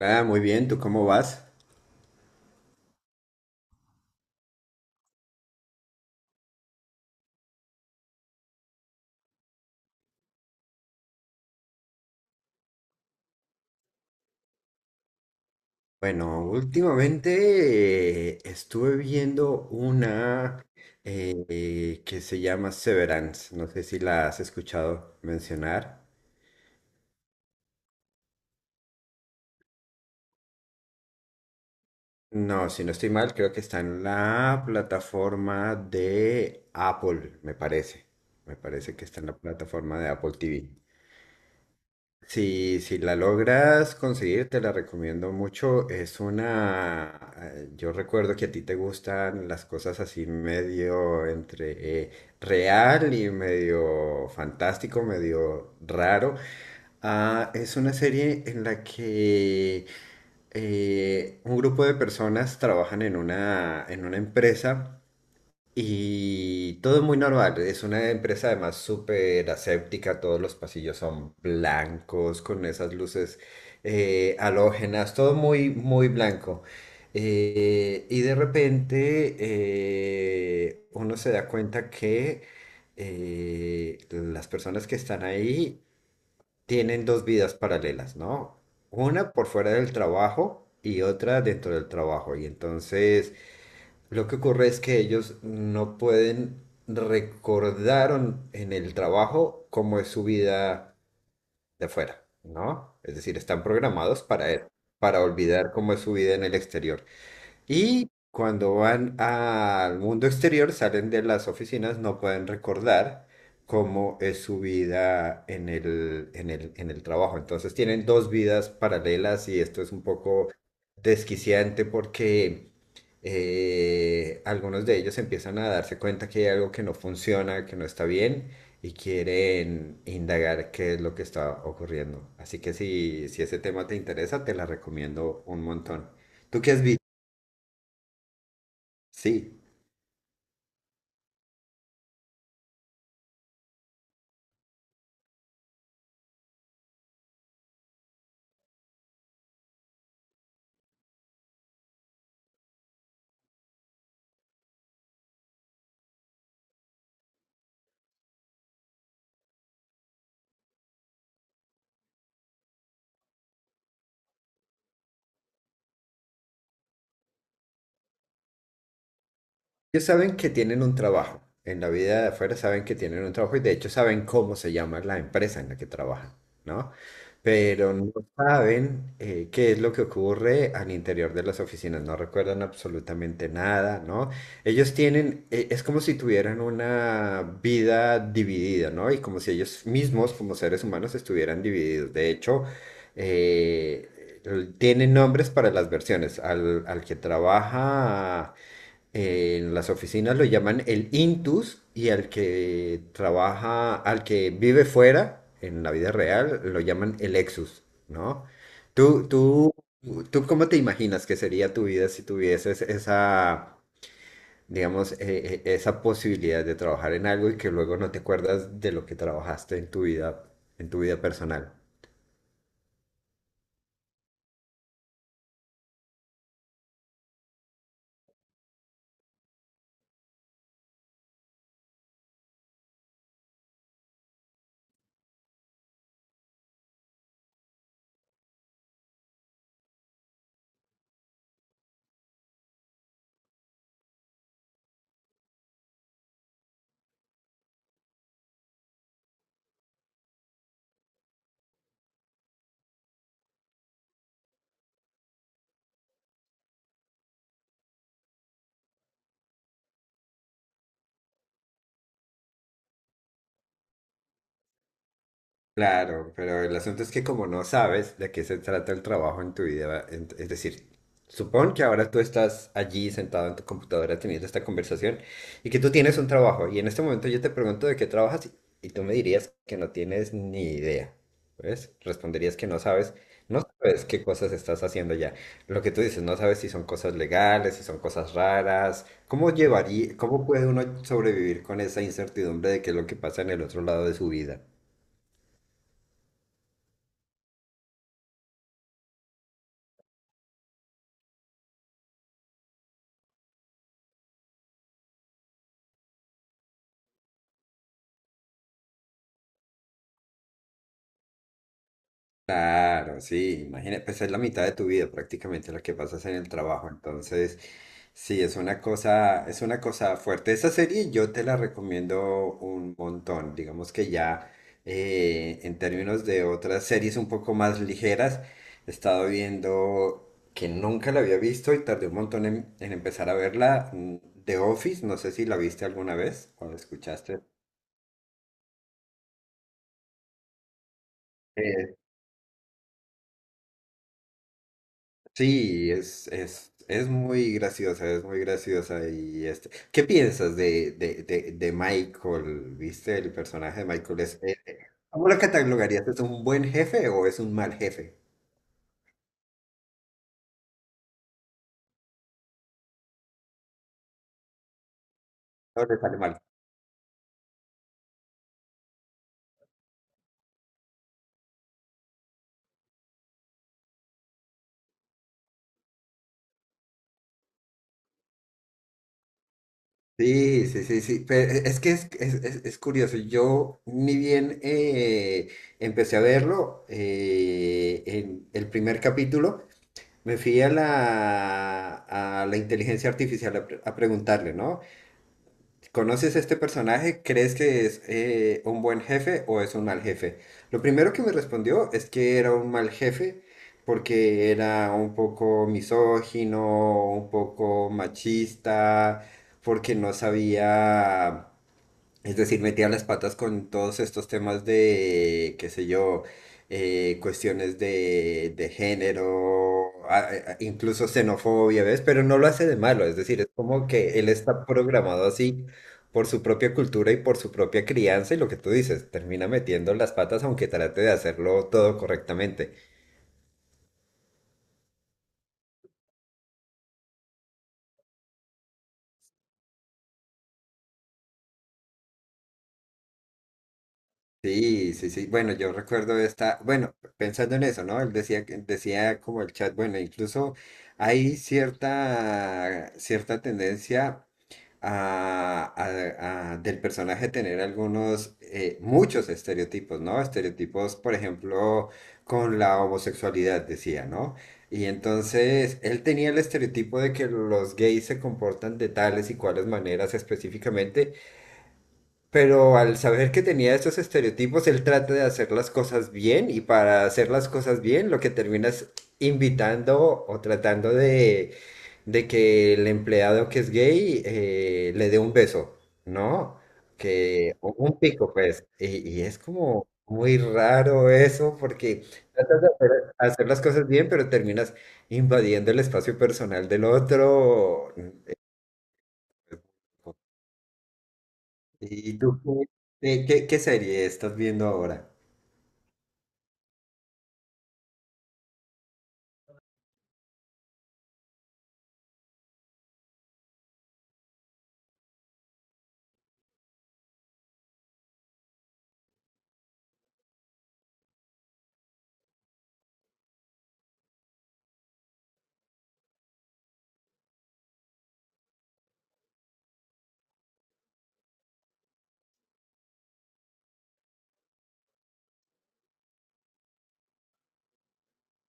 Muy bien, ¿tú cómo vas? Bueno, últimamente estuve viendo una que se llama Severance. No sé si la has escuchado mencionar. No, si no estoy mal, creo que está en la plataforma de Apple, me parece. Me parece que está en la plataforma de Apple TV. Si, si la logras conseguir, te la recomiendo mucho. Es una... yo recuerdo que a ti te gustan las cosas así medio entre eh, real y medio fantástico, medio raro. Ah, es una serie en la que un grupo de personas trabajan en una empresa. Y todo muy normal, es una empresa además súper aséptica, todos los pasillos son blancos, con esas luces halógenas, todo muy, muy blanco. Y de repente uno se da cuenta que las personas que están ahí tienen dos vidas paralelas, ¿no? Una por fuera del trabajo y otra dentro del trabajo. Y entonces, lo que ocurre es que ellos no pueden recordar en el trabajo cómo es su vida de afuera, ¿no? Es decir, están programados para olvidar cómo es su vida en el exterior. Y cuando van al mundo exterior, salen de las oficinas, no pueden recordar cómo es su vida en el trabajo. Entonces tienen dos vidas paralelas y esto es un poco desquiciante porque algunos de ellos empiezan a darse cuenta que hay algo que no funciona, que no está bien y quieren indagar qué es lo que está ocurriendo. Así que si, si ese tema te interesa, te la recomiendo un montón. ¿Tú qué has Sí, ellos saben que tienen un trabajo? En la vida de afuera saben que tienen un trabajo y de hecho saben cómo se llama la empresa en la que trabajan, ¿no? Pero no saben qué es lo que ocurre al interior de las oficinas, no recuerdan absolutamente nada, ¿no? Ellos tienen, es como si tuvieran una vida dividida, ¿no? Y como si ellos mismos, como seres humanos, estuvieran divididos. De hecho, eh, tienen nombres para las versiones. Al que trabaja en las oficinas lo llaman el intus y al que trabaja, al que vive fuera, en la vida real, lo llaman el exus, ¿no? ¿Tú, tú, tú cómo te imaginas que sería tu vida si tuvieses esa, digamos, esa posibilidad de trabajar en algo y que luego no te acuerdas de lo que trabajaste en tu vida personal? Claro, pero el asunto es que como no sabes de qué se trata el trabajo en tu vida, es decir, supón que ahora tú estás allí sentado en tu computadora teniendo esta conversación y que tú tienes un trabajo y en este momento yo te pregunto de qué trabajas y tú me dirías que no tienes ni idea, ¿ves? Responderías que no sabes, no sabes qué cosas estás haciendo ya. Lo que tú dices, no sabes si son cosas legales, si son cosas raras. ¿Cómo llevaría, cómo puede uno sobrevivir con esa incertidumbre de qué es lo que pasa en el otro lado de su vida? Claro, sí, imagínate, pues es la mitad de tu vida prácticamente la que pasas en el trabajo, entonces sí, es una cosa fuerte. Esa serie yo te la recomiendo un montón, digamos que ya en términos de otras series un poco más ligeras, he estado viendo que nunca la había visto y tardé un montón en empezar a verla, mm, The Office, no sé si la viste alguna vez o la escuchaste. Sí, es muy graciosa y este. ¿Qué piensas de Michael? ¿Viste el personaje de Michael? Es, ¿cómo lo catalogarías? ¿Es un buen jefe o es un mal jefe? No le sale mal. Sí, sí, sí, sí. Pero es que es curioso. Yo ni bien empecé a verlo en el primer capítulo. Me fui a la inteligencia artificial a, preguntarle, ¿no? ¿Conoces a este personaje? ¿Crees que es un buen jefe o es un mal jefe? Lo primero que me respondió es que era un mal jefe porque era un poco misógino, un poco machista, porque no sabía, es decir, metía las patas con todos estos temas de, qué sé yo, cuestiones de género, incluso xenofobia, ¿ves? Pero no lo hace de malo, es decir, es como que él está programado así por su propia cultura y por su propia crianza y lo que tú dices, termina metiendo las patas aunque trate de hacerlo todo correctamente. Sí, sí, sí. Bueno, yo recuerdo esta, bueno, pensando en eso, ¿no? Él decía, decía como el chat, bueno, incluso hay cierta, cierta tendencia a, del personaje tener algunos, muchos estereotipos, ¿no? Estereotipos, por ejemplo, con la homosexualidad, decía, ¿no? Y entonces él tenía el estereotipo de que los gays se comportan de tales y cuales maneras específicamente. Pero al saber que tenía estos estereotipos, él trata de hacer las cosas bien y para hacer las cosas bien, lo que terminas invitando o tratando de que el empleado que es gay le dé un beso, ¿no? Que o un pico, pues. Y es como muy raro eso porque tratas de hacer, hacer las cosas bien, pero terminas invadiendo el espacio personal del otro. ¿Y tú qué serie estás viendo ahora?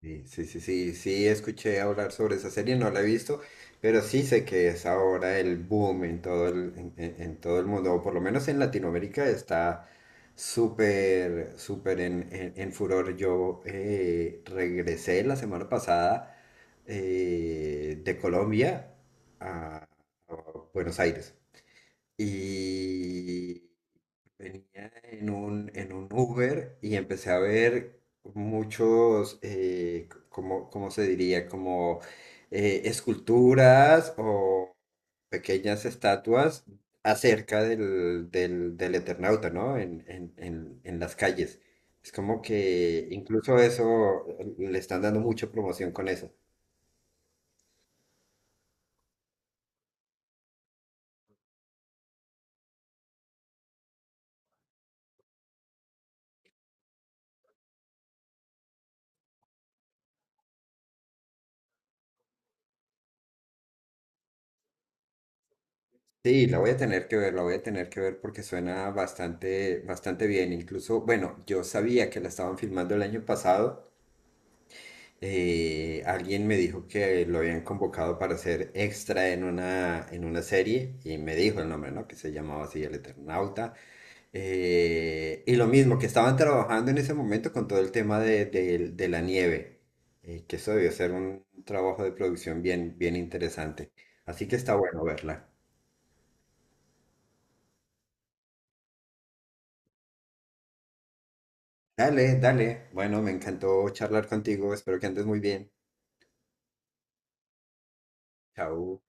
Sí, sí, sí, sí, sí, escuché hablar sobre esa serie, no la he visto, pero sí sé que es ahora el boom en todo el, en todo el mundo, o por lo menos en Latinoamérica está súper, súper en furor. Yo regresé la semana pasada de Colombia a a Buenos Aires y venía en un Uber y empecé a ver muchos, como, ¿cómo se diría? Como esculturas o pequeñas estatuas acerca del Eternauta, ¿no? En las calles. Es como que incluso eso le están dando mucha promoción con eso. Sí, la voy a tener que ver, la voy a tener que ver porque suena bastante, bastante bien. Incluso, bueno, yo sabía que la estaban filmando el año pasado, alguien me dijo que lo habían convocado para ser extra en una serie y me dijo el nombre, ¿no? Que se llamaba así El Eternauta. Y lo mismo, que estaban trabajando en ese momento con todo el tema de la nieve, que eso debió ser un trabajo de producción bien, bien interesante. Así que está bueno verla. Dale, dale. Bueno, me encantó charlar contigo. Espero que andes muy bien. Chao.